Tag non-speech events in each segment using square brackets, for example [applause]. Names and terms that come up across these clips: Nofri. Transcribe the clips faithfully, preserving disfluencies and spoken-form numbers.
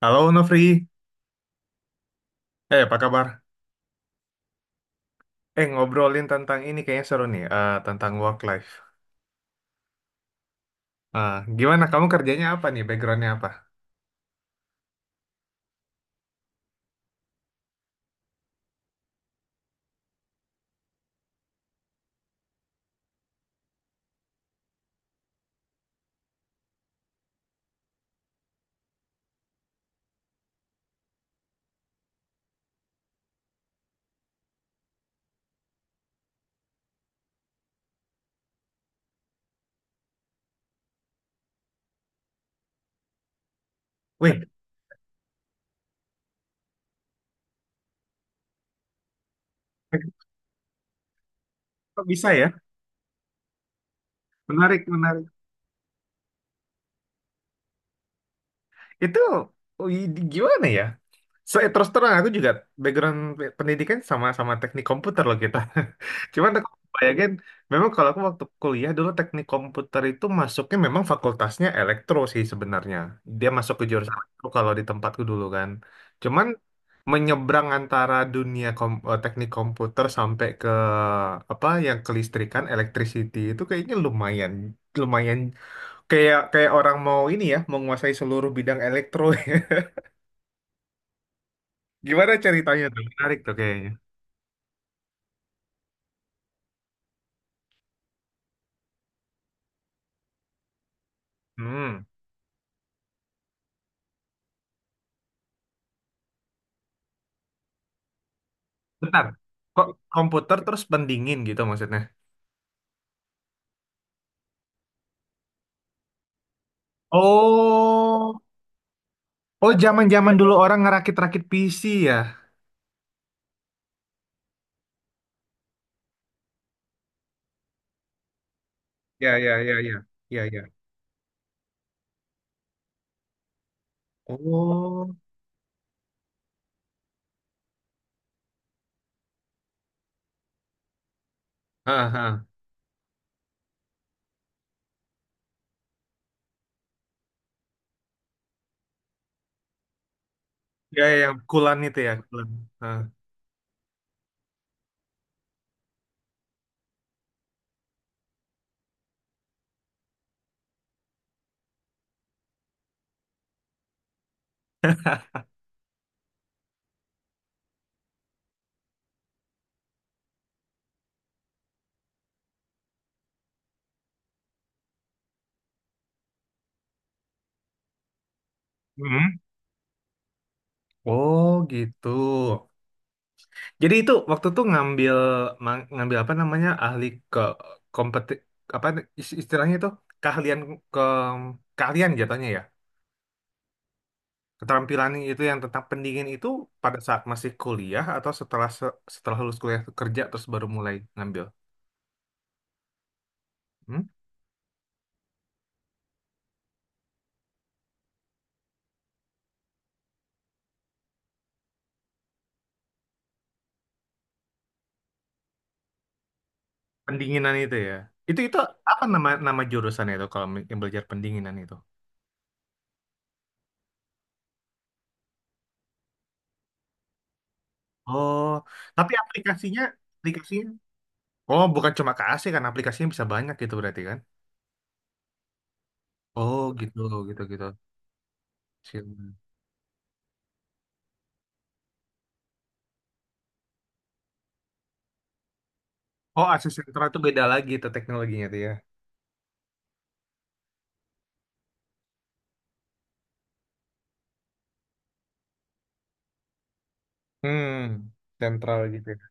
Halo Nofri, eh apa kabar? Eh ngobrolin tentang ini kayaknya seru nih, eh, tentang work life. Eh, gimana kamu kerjanya apa nih? Backgroundnya apa? Wih, kok bisa ya? Menarik, menarik. Itu wih, gimana ya? So, eh, terus terang aku juga background pe- pendidikan sama-sama teknik komputer loh kita. [laughs] Cuman aku bayangin, memang kalau aku waktu kuliah dulu teknik komputer itu masuknya memang fakultasnya elektro sih sebenarnya. Dia masuk ke jurusan elektro kalau di tempatku dulu kan. Cuman menyeberang antara dunia kom- eh, teknik komputer sampai ke apa yang kelistrikan, electricity itu kayaknya lumayan lumayan kayak kayak orang mau ini ya menguasai seluruh bidang elektro. [laughs] Gimana ceritanya tuh? Menarik tuh kayaknya. Hmm. Bentar. Kok komputer terus pendingin gitu maksudnya? Oh, oh zaman-zaman dulu orang ngerakit-rakit P C ya? Ya, ya, ya, ya, ya, ya. Oh, ah, ah. Ya, ya, yang kulan itu ya, kulan. Ah. Hmm. Oh, gitu. Jadi itu waktu tuh ngambil mang- ngambil apa namanya ahli ke kompeti apa is- istilahnya itu keahlian ke keahlian jatuhnya ya? Keterampilan itu yang tentang pendingin itu pada saat masih kuliah atau setelah se- setelah lulus kuliah kerja terus baru mulai ngambil? Hmm? Pendinginan itu ya. Itu itu apa nama nama jurusan itu kalau me- yang belajar pendinginan itu? Oh, tapi aplikasinya aplikasinya. Oh, bukan cuma ke A C kan aplikasinya bisa banyak gitu berarti kan? Oh, gitu gitu gitu. Silakan. Oh, A C sentral itu beda lagi itu teknologinya tuh ya. Hmm, sentral gitu ya.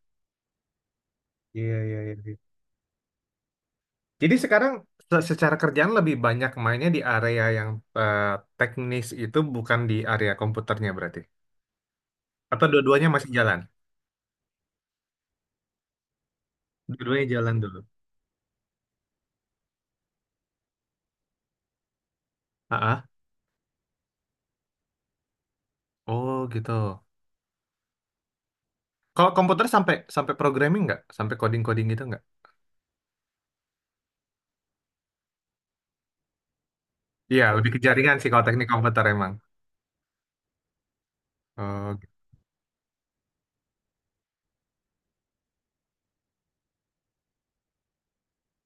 Iya, iya, iya, iya. Jadi sekarang se- secara kerjaan lebih banyak mainnya di area yang eh, teknis itu bukan di area komputernya berarti. Atau dua-duanya masih jalan? Dua-duanya jalan dulu. Ah, oh gitu. Kalau komputer sampai sampai programming nggak? Sampai coding-coding gitu nggak? Iya, lebih ke jaringan sih kalau teknik komputer emang. Oh, gitu.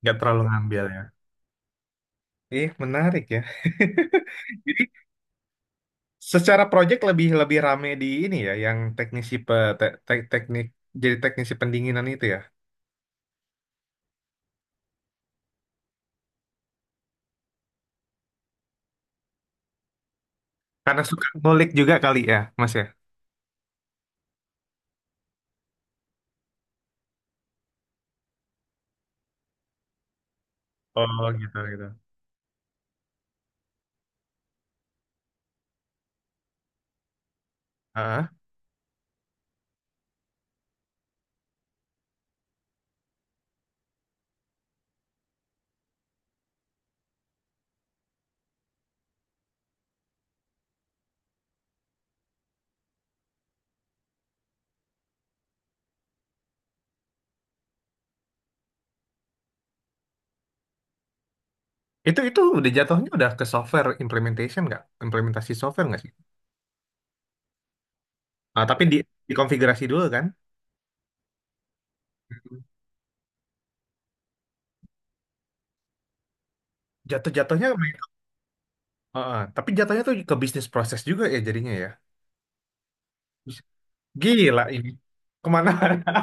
Nggak terlalu ngambil ya. Ih, menarik ya. [laughs] Jadi secara project lebih lebih rame di ini ya, yang teknisi pe, te- te- teknik jadi teknisi pendinginan itu ya. Karena suka ngulik juga kali ya, Mas ya. Oh gitu gitu. Ah, Itu itu udah jatuhnya udah ke software implementation nggak? Implementasi software nggak sih? Ah, tapi di dikonfigurasi dulu kan? Jatuh-jatuhnya. Ah, ah, tapi jatuhnya tuh ke bisnis proses juga ya jadinya ya. Gila ini. Kemana? [laughs]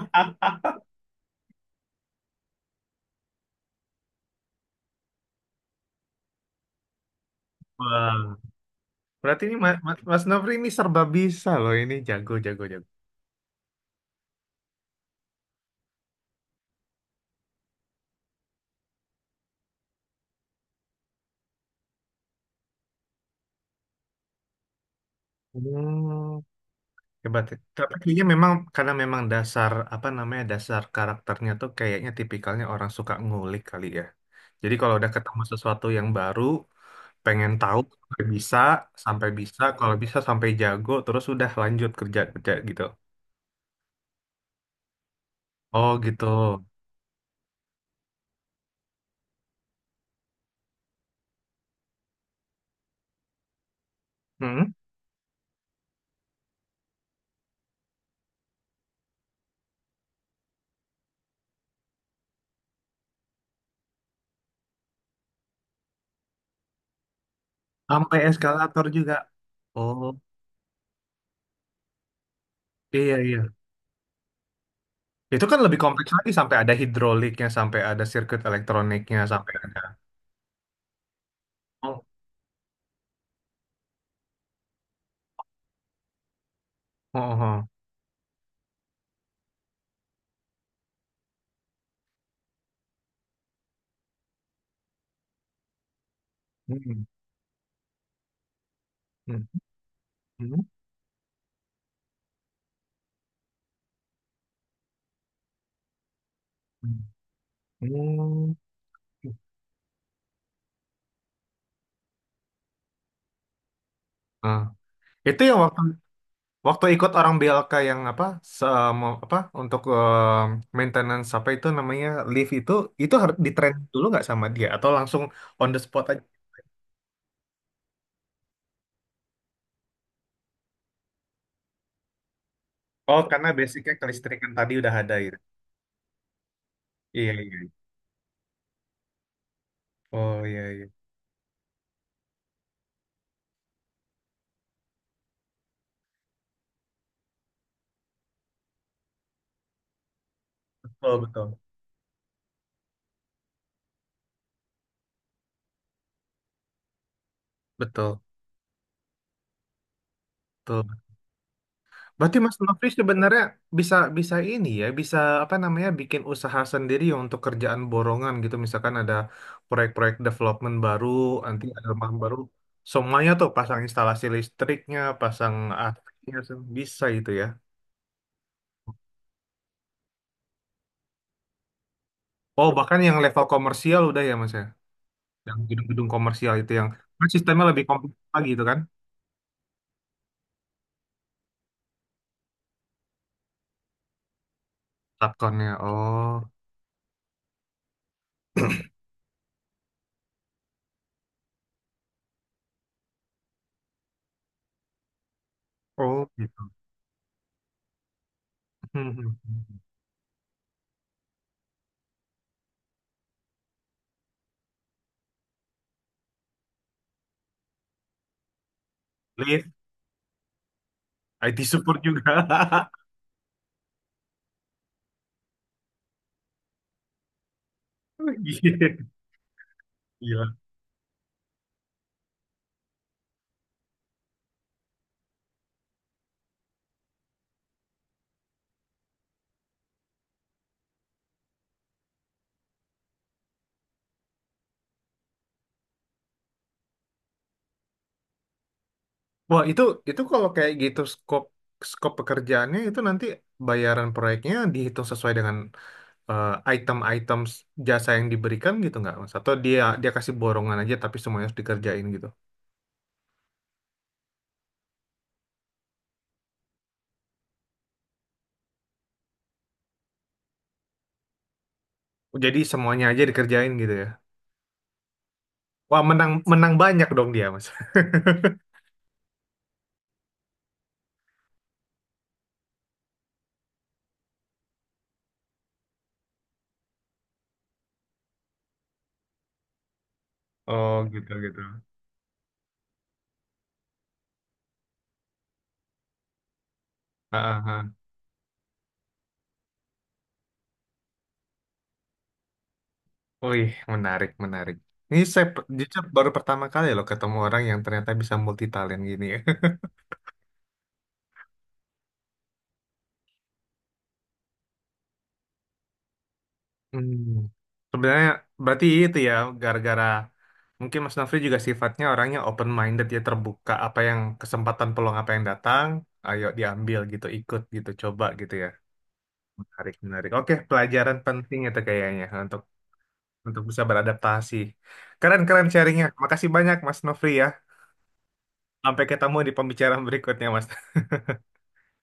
Wah. Berarti ini Ma- Ma- Mas Nofri ini serba bisa loh ini jago jago jago. Hmm. Hebat ya. Tapi kayaknya memang karena memang dasar apa namanya dasar karakternya tuh kayaknya tipikalnya orang suka ngulik kali ya. Jadi kalau udah ketemu sesuatu yang baru, pengen tahu sampai bisa, sampai bisa, kalau bisa sampai jago, terus udah lanjut kerja kerja gitu. Oh gitu. Hmm? Sampai eskalator juga. Oh iya iya. Itu kan lebih kompleks lagi sampai ada hidroliknya, sampai ada sirkuit elektroniknya, sampai ada. Oh, oh, oh. Hmm. Hmm. Hmm. Hmm. Ah, itu yang waktu waktu ikut orang B L K yang apa se mau- apa untuk eh, maintenance apa itu namanya lift itu itu harus ditrain dulu nggak sama dia atau langsung on the spot aja. Oh, karena basicnya kelistrikan tadi udah ada gitu. Iya, iya, iya. Oh, iya, iya. Betul, betul. Betul, betul. Berarti Mas Nofri sebenarnya bisa bisa ini ya, bisa apa namanya bikin usaha sendiri untuk kerjaan borongan gitu. Misalkan ada proyek-proyek development baru, nanti ada rumah baru, semuanya tuh pasang instalasi listriknya, pasang A C-nya, sem- bisa itu ya. Oh bahkan yang level komersial udah ya Mas ya, yang gedung-gedung komersial itu yang kan sistemnya lebih kompleks lagi itu kan, subkonnya. Oh, oh gitu. [laughs] Lift, I T support juga. [laughs] Gila. Wah, itu itu kalau kayak gitu skop skop pekerjaannya itu nanti bayaran proyeknya dihitung sesuai dengan eh, item-item jasa yang diberikan gitu nggak, Mas? Atau dia dia kasih borongan aja tapi semuanya harus dikerjain gitu. Jadi semuanya aja dikerjain gitu ya. Wah, menang menang banyak dong dia, Mas. [laughs] Oh, gitu gitu. Ah, ah, ah. Wih, menarik, menarik. Ini saya pe- jujur baru pertama kali loh ketemu orang yang ternyata bisa multitalent gini ya. [laughs] Hmm. Sebenarnya berarti itu ya gara-gara mungkin Mas Nafri juga sifatnya orangnya open minded ya terbuka apa yang kesempatan peluang apa yang datang, ayo diambil gitu, ikut gitu, coba gitu ya. Menarik, menarik. Oke, pelajaran penting itu kayaknya untuk untuk bisa beradaptasi. Keren-keren sharingnya. Makasih banyak Mas Nofri ya. Sampai ketemu di pembicaraan berikutnya Mas. [laughs]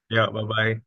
Ya, bye-bye.